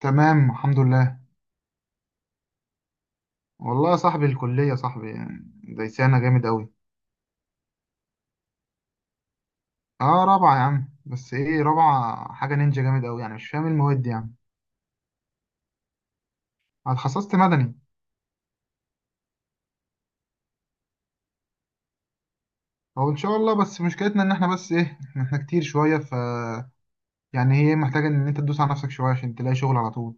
تمام، الحمد لله. والله يا صاحبي، الكلية يا صاحبي دايسانا جامد أوي. اه، رابعة يا عم. بس ايه، رابعة حاجة نينجا جامد أوي، يعني مش فاهم إيه المواد دي يعني. أنا اتخصصت مدني. هو إن شاء الله، بس مشكلتنا إن احنا بس ايه احنا كتير شوية ف، يعني هي محتاجة إن أنت تدوس على نفسك شوية عشان تلاقي شغل على طول.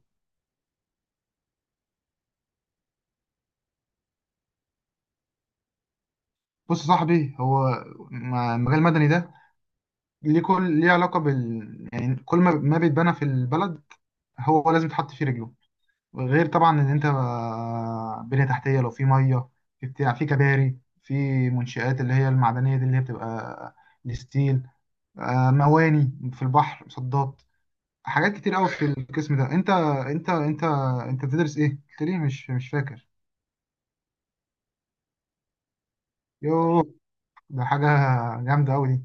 بص يا صاحبي، هو مجال المدني ده ليه علاقة بال، يعني كل ما بيتبنى في البلد هو لازم تحط فيه رجله. غير طبعا ان انت بنية تحتية، لو في ميه، في بتاع، في كباري، في منشآت اللي هي المعدنية دي، اللي هي بتبقى الستيل، مواني في البحر، مصدات. حاجات كتير قوي في القسم ده. انت انت بتدرس ايه؟ قلت لي مش فاكر. يوه، ده حاجة جامدة قوي دي.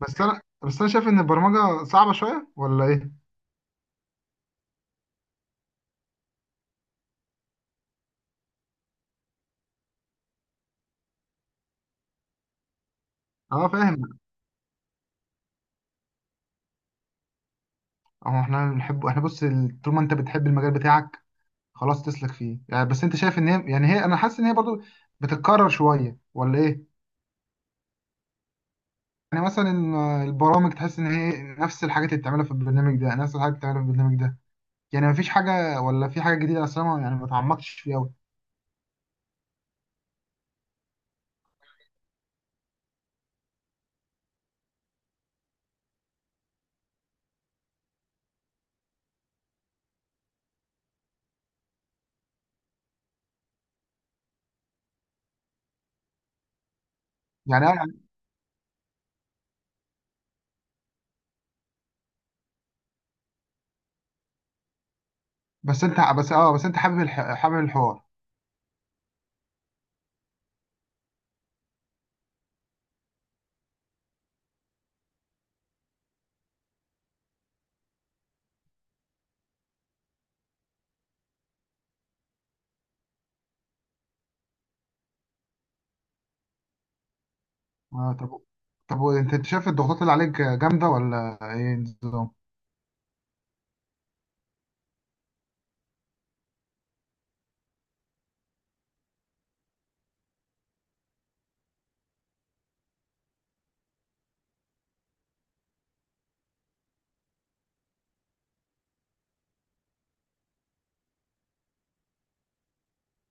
بس انا شايف ان البرمجة صعبة شوية ولا ايه؟ اه فاهم. اه، احنا بنحب، احنا بص طول ما انت بتحب المجال بتاعك خلاص تسلك فيه يعني. بس انت شايف ان هي، يعني هي، انا حاسس ان هي برضو بتتكرر شويه ولا ايه؟ يعني مثلا البرامج، تحس ان هي نفس الحاجات اللي بتعملها في البرنامج ده، نفس الحاجات اللي بتعملها في البرنامج ده. يعني مفيش حاجه ولا في حاجه جديده اصلا، يعني ما اتعمقتش فيها قوي. يعني انا، بس انت حابب حابب الحوار. آه طب، طب انت شايف الضغوطات اللي عليك جامده ولا ايه النظام؟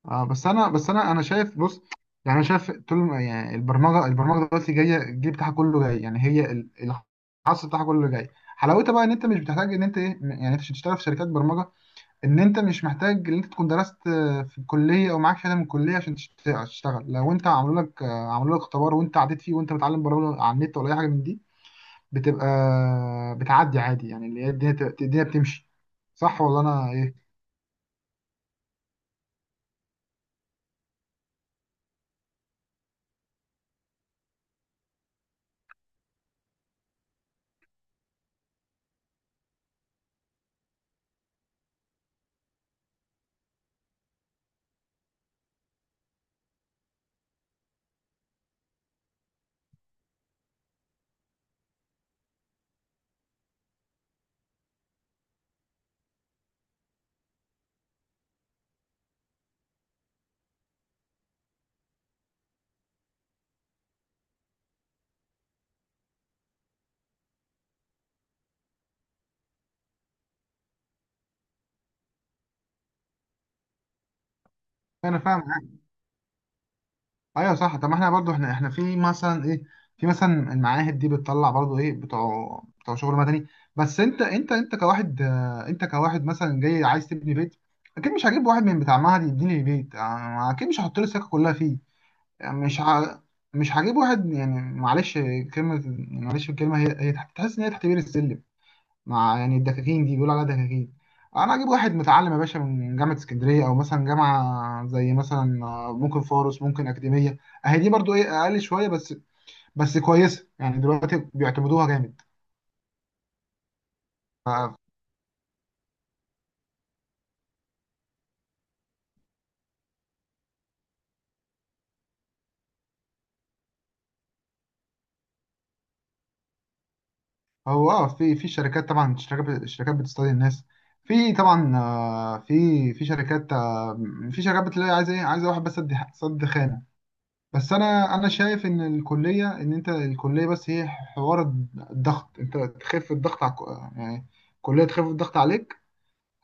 اه، بس انا شايف بص. يعني انا شايف، طول ما- يعني البرمجه دلوقتي جايه، الجيل بتاعها كله جاي. يعني هي الحصر بتاعها كله جاي. حلاوتها بقى ان انت مش بتحتاج ان انت ايه، يعني انت عشان تشتغل في شركات برمجه، ان انت مش محتاج ان انت تكون درست في الكليه او معاك شهاده من الكليه عشان تشتغل. لو انت عملوا لك اختبار وانت عديت فيه وانت متعلم برمجه على النت ولا اي حاجه من دي، بتبقى بتعدي عادي. يعني اللي هي الدنيا، الدنيا بتمشي، صح ولا انا ايه؟ انا فاهم. ايوه صح. طب ما احنا برضو، احنا في مثلا ايه، في مثلا المعاهد دي بتطلع برضو ايه، بتوع شغل مدني. بس انت كواحد، انت كواحد مثلا جاي عايز تبني بيت، اكيد مش هجيب واحد من بتاع معهد يبني لي بيت. اكيد مش هحط له السكه كلها فيه. يعني مش هجيب واحد يعني، معلش كلمه، معلش الكلمه هي، تحس ان هي تحت بير السلم مع، يعني الدكاكين دي بيقولوا عليها دكاكين. انا اجيب واحد متعلم يا باشا من جامعه اسكندريه، او مثلا جامعه زي مثلا ممكن فاروس، ممكن اكاديميه. اهي دي برضو ايه، اقل شويه بس، بس كويسه. يعني دلوقتي بيعتمدوها جامد. هو اه، في شركات. طبعا الشركات بتستضي الناس. في طبعا في شركات في شركات بتلاقي عايزه ايه، عايزه واحد بس، سد سد خام. بس انا شايف ان الكليه، ان انت الكليه بس هي حوار. الضغط، انت تخف الضغط على، يعني الكليه تخف الضغط عليك.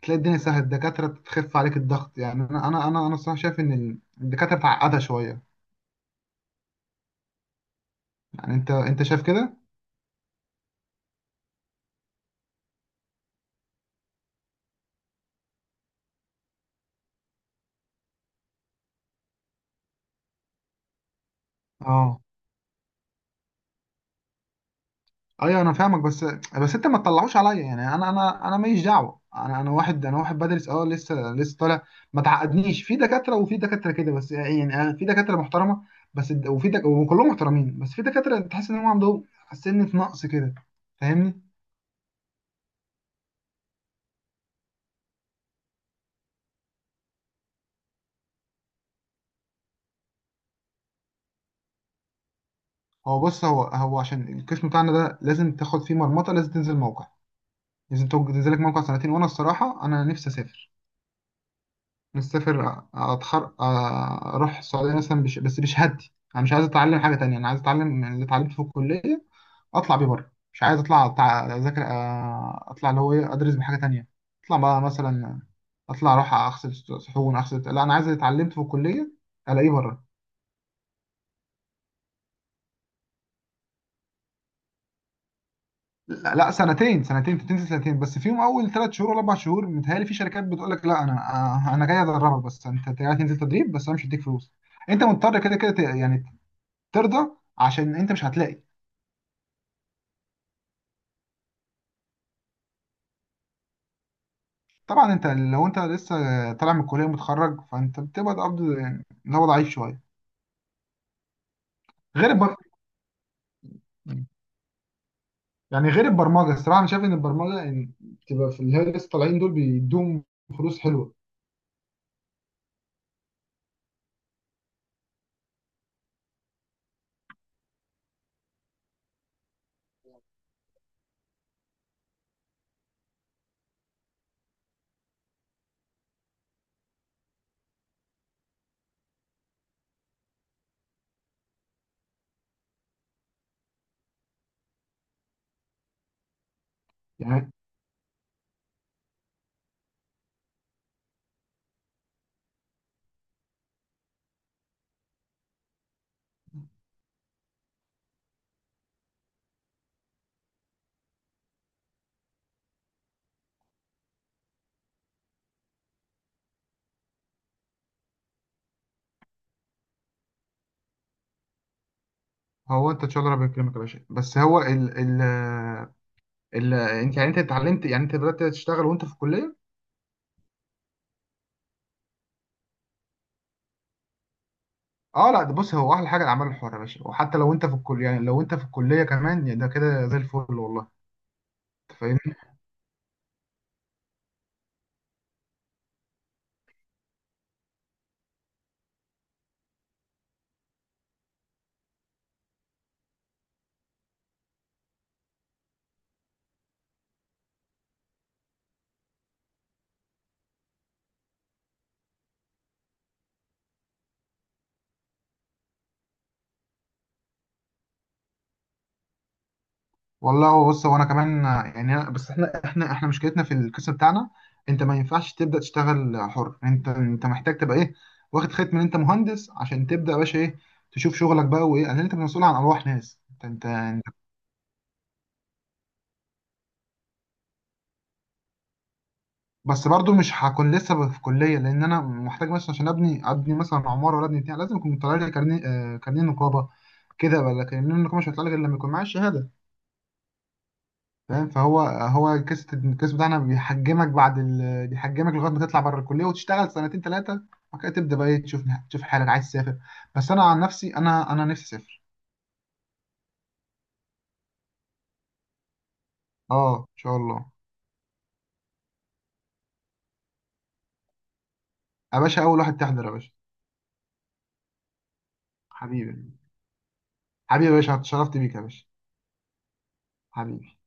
تلاقي الدنيا سهله، الدكاتره تخف عليك الضغط. يعني انا الصراحه شايف ان الدكاتره تعقدها شويه. يعني انت شايف كده. اه ايوه، انا فاهمك. بس، بس انت ما تطلعوش عليا، يعني انا ماليش دعوه، انا واحد بدرس اه، لسه طالع. ما تعقدنيش في دكاتره وفي دكاتره كده بس. يعني أنا في دكاتره محترمه، بس الد- وفي دك... وكلهم محترمين، بس في دكاتره تحس ان هم عندهم سنه نقص كده. فاهمني؟ هو بص، هو عشان القسم بتاعنا ده لازم تاخد فيه مرمطه. لازم تنزل موقع، لازم تنزل لك موقع سنتين. وانا الصراحه انا نفسي اسافر. نسافر، أروح السعودية مثلا، بس بشهادتي. أنا مش عايز أتعلم حاجة تانية، أنا عايز أتعلم يعني اللي اتعلمته في الكلية أطلع بيه بره. مش عايز أطلع أذاكر، أطلع اللي هو إيه، أدرس بحاجة تانية أطلع بقى مثلا، أطلع أروح أغسل صحون، أغسل. لا، أنا عايز اللي اتعلمته في الكلية ألاقيه بره. لا سنتين. سنتين تنسى. سنتين بس فيهم أول 3 شهور ولا 4 شهور متهيألي، في شركات بتقول لك لا، أنا أنا جاي أدربك. بس أنت جاي تنزل تدريب بس، أنا مش هديك فلوس. انت مضطر كده يعني ترضى عشان انت مش هتلاقي. طبعا انت لو انت لسه طالع من الكليه متخرج، فانت بتبقى قبض يعني اللي هو ضعيف شويه. غير البر... يعني غير البرمجه. الصراحه انا شايف ان البرمجه، يعني بتبقى في اللي هي لسه طالعين دول، بيدوهم فلوس حلوه. يعني هو انت ان شاء الله ربنا يكرمك يا باشا. بس هو ال ال ال انت، يعني انت اتعلمت، يعني انت بدات تشتغل وانت في الكليه. اه لا، ده بص، هو احلى حاجه الاعمال الحره يا باشا، وحتى لو انت في الكليه. يعني لو انت في الكليه كمان يعني ده كده زي الفل والله. انت فاهمني؟ والله هو بص هو، انا كمان، يعني بس احنا، احنا مشكلتنا في القسم بتاعنا انت ما ينفعش تبدا تشتغل حر. انت محتاج تبقى ايه، واخد ختم ان انت مهندس عشان تبدا يا باشا، ايه، تشوف شغلك بقى. وايه، لان انت مسؤول عن ارواح ناس. أنت- بس برضو مش هكون لسه في كليه. لان انا محتاج مثلا عشان ابني مثلا عماره ولا ابني بتاع لازم يكون طالع لي كارنيه، كارنيه نقابه كده. ولا كارنيه النقابه مش هيطلع لي غير لما يكون معايا الشهاده. فاهم؟ فهو الكاس بتاعنا بيحجمك، بيحجمك لغايه ما تطلع بره الكليه وتشتغل سنتين ثلاثه. وبعد كده تبدا بقى إيه، تشوف. تشوف حالك عايز تسافر. بس انا عن نفسي انا نفسي اسافر. اه ان شاء الله. يا باشا اول واحد تحضر يا باشا. حبيبي. حبيبي يا باشا، اتشرفت بيك يا باشا. حبيبي.